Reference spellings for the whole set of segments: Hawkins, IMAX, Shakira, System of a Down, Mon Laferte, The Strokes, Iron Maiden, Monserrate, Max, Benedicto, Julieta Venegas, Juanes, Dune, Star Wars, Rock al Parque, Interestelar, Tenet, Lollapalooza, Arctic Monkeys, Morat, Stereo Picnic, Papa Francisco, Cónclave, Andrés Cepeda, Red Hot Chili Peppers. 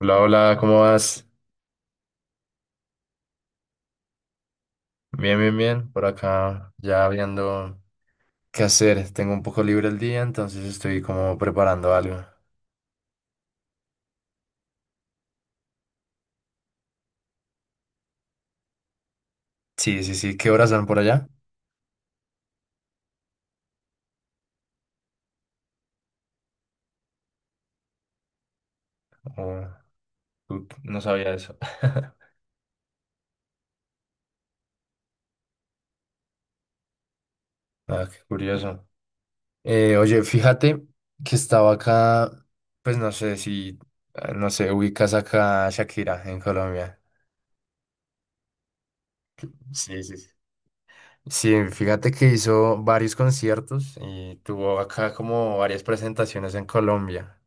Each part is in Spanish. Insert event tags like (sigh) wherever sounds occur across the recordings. Hola, hola, ¿cómo vas? Bien, bien, bien. Por acá ya viendo qué hacer. Tengo un poco libre el día, entonces estoy como preparando algo. Sí, sí, sí. ¿Qué horas son por allá? Oh, no sabía eso. (laughs) Ah, qué curioso. Oye, fíjate que estaba acá, pues no sé si, no sé, ubicas acá a Shakira en Colombia. Sí, sí, sí. Sí, fíjate que hizo varios conciertos y tuvo acá como varias presentaciones en Colombia.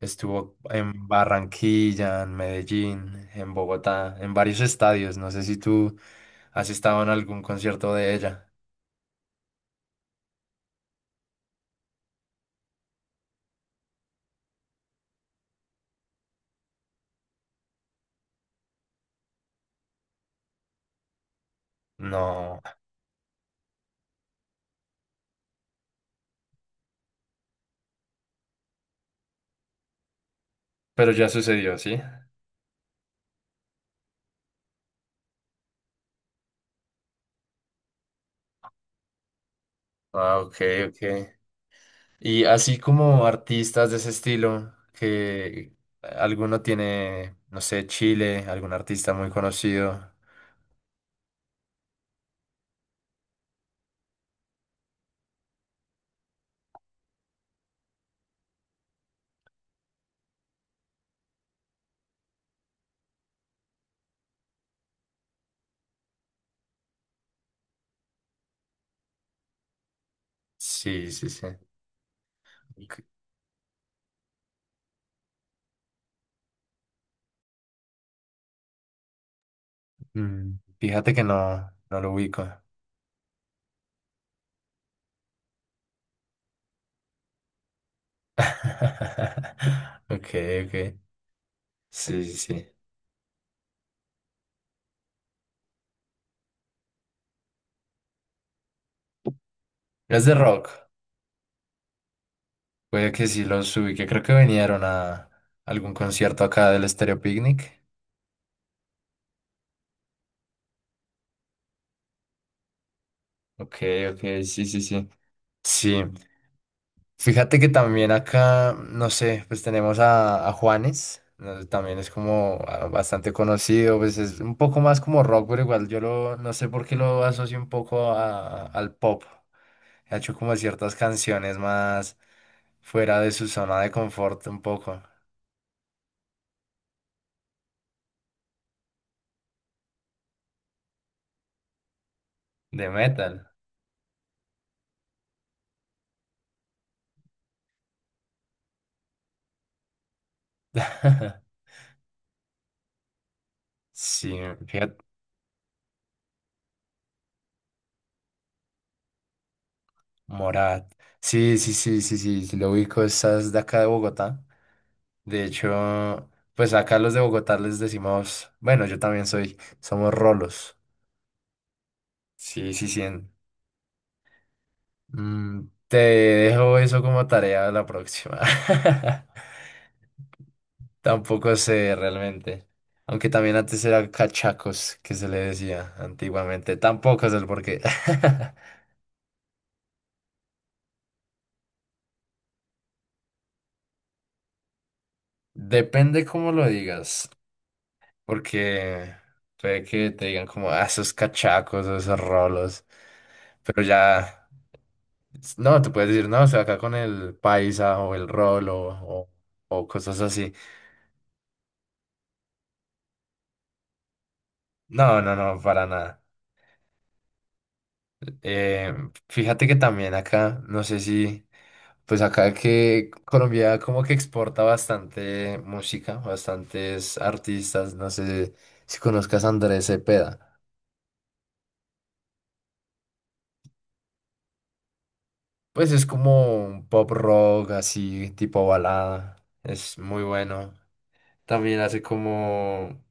Estuvo en Barranquilla, en Medellín, en Bogotá, en varios estadios. No sé si tú has estado en algún concierto de ella. No, pero ya sucedió, ¿sí? Ah, ok, ok. Y así como artistas de ese estilo, que alguno tiene, no sé, Chile, algún artista muy conocido. Sí, sí, sí. Ok. Mm, fíjate que no, no lo ubico. (laughs) Ok, ok. Sí, sí, sí. Los de rock, puede que sí los que creo que vinieron a algún concierto acá del Stereo Picnic. Ok, ok, sí, sí, sí. Sí, fíjate que también acá, no sé, pues tenemos a Juanes, ¿no? También es como ah, bastante conocido, pues es un poco más como rock, pero igual yo lo, no sé por qué lo asocio un poco al pop. Ha hecho como ciertas canciones más fuera de su zona de confort un poco, de metal. (laughs) Sí, fíjate. Morat. Sí, sí, sí, sí, sí, sí, lo ubico, estás de acá de Bogotá. De hecho, pues acá los de Bogotá les decimos, bueno, yo también soy, somos rolos. Sí, sí, sí. Mm, te dejo eso como tarea la próxima. (laughs) Tampoco sé realmente. Aunque también antes era cachacos, que se le decía antiguamente. Tampoco sé el porqué. (laughs) Depende cómo lo digas. Porque puede que te digan como, ah, esos cachacos, esos rolos, pero ya, no, te puedes decir, no, estoy acá con el paisa o el rolo o, o cosas así. No, no, no, para nada. Eh, fíjate que también acá, no sé si, pues acá que Colombia como que exporta bastante música, bastantes artistas, no sé si conozcas a Andrés Cepeda. Pues es como un pop rock así, tipo balada. Es muy bueno. También hace como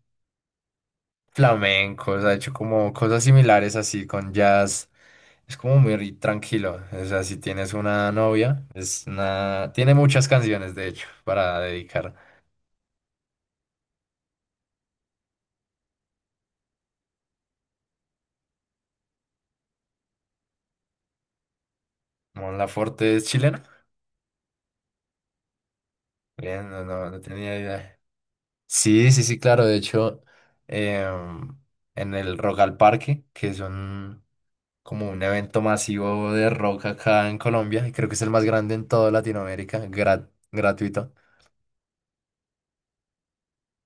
flamencos, ha hecho como cosas similares así con jazz. Es como muy tranquilo. O sea, si tienes una novia, es una tiene muchas canciones de hecho para dedicar. Mon Laferte es chilena. Bien, no, no, no tenía idea. Sí, sí, sí, claro. De hecho, em, en el Rock al Parque, que es un, como un evento masivo de rock acá en Colombia, y creo que es el más grande en toda Latinoamérica, gratuito.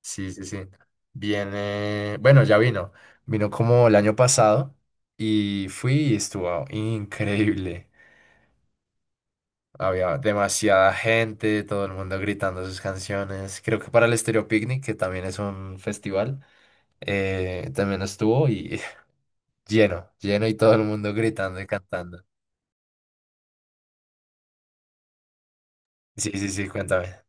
Sí, sí, sí. Viene, bueno, ya vino. Vino como el año pasado y fui y estuvo increíble. Había demasiada gente, todo el mundo gritando sus canciones. Creo que para el Estéreo Picnic, que también es un festival, también estuvo y (laughs) lleno, lleno y todo el mundo gritando y cantando. Sí, sí, sí, cuéntame.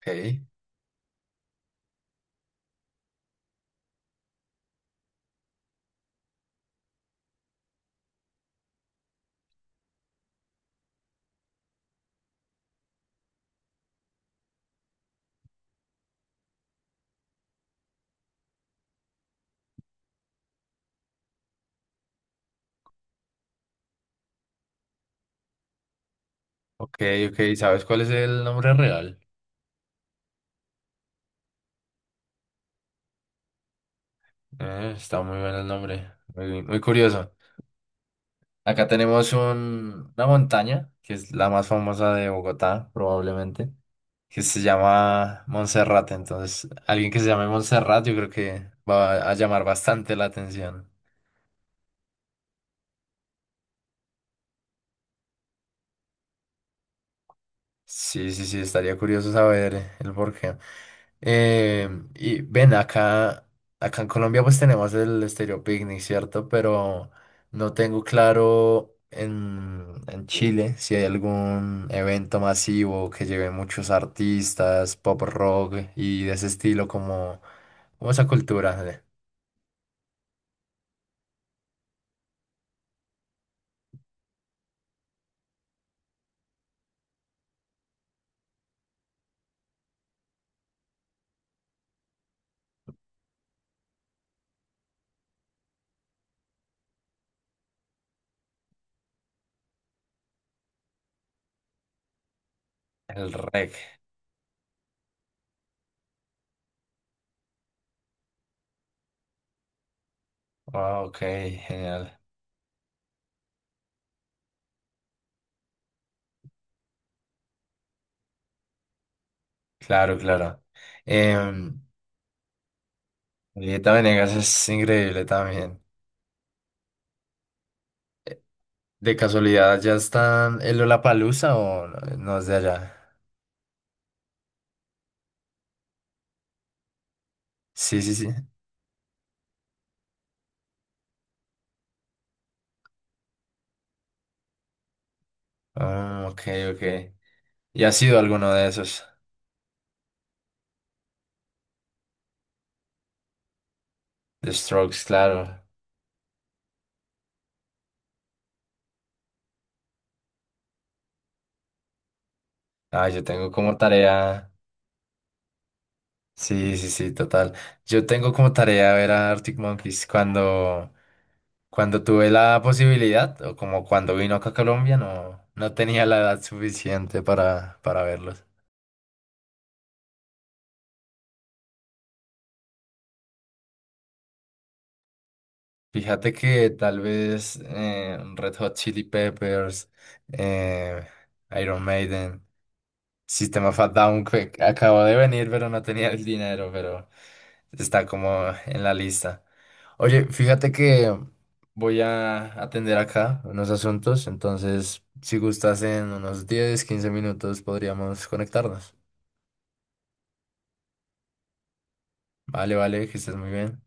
Ok, ok, ok. ¿Sabes cuál es el nombre real? Está muy bueno el nombre. Muy, muy curioso. Acá tenemos una montaña, que es la más famosa de Bogotá, probablemente, que se llama Monserrate. Entonces, alguien que se llame Monserrate, yo creo que va a llamar bastante la atención. Sí, sí, sí, estaría curioso saber el porqué. Eh, y ven, acá, acá en Colombia pues tenemos el Estéreo Picnic, ¿cierto? Pero no tengo claro en Chile si hay algún evento masivo que lleve muchos artistas, pop rock y de ese estilo como, como esa cultura de- el reg. Ah, ok, genial. Claro, claro. Eh, Julieta Venegas es increíble también. ¿De casualidad ya están el Lollapalooza o no no es de allá? Sí, sí, sí. Ah, ok, ok. ¿Y ha sido alguno de esos? The Strokes, claro. Ah, yo tengo como tarea. Sí, sí, sí, total. Yo tengo como tarea ver a Arctic Monkeys cuando, cuando tuve la posibilidad, o como cuando vino acá a Colombia, no, no tenía la edad suficiente para verlos. Fíjate que tal vez Red Hot Chili Peppers, eh, Iron Maiden, System of a Down, que acabo de venir, pero no tenía el dinero, pero está como en la lista. Oye, fíjate que voy a atender acá unos asuntos, entonces si gustas en unos 10 15 minutos podríamos conectarnos. Vale, vale, que estés muy bien.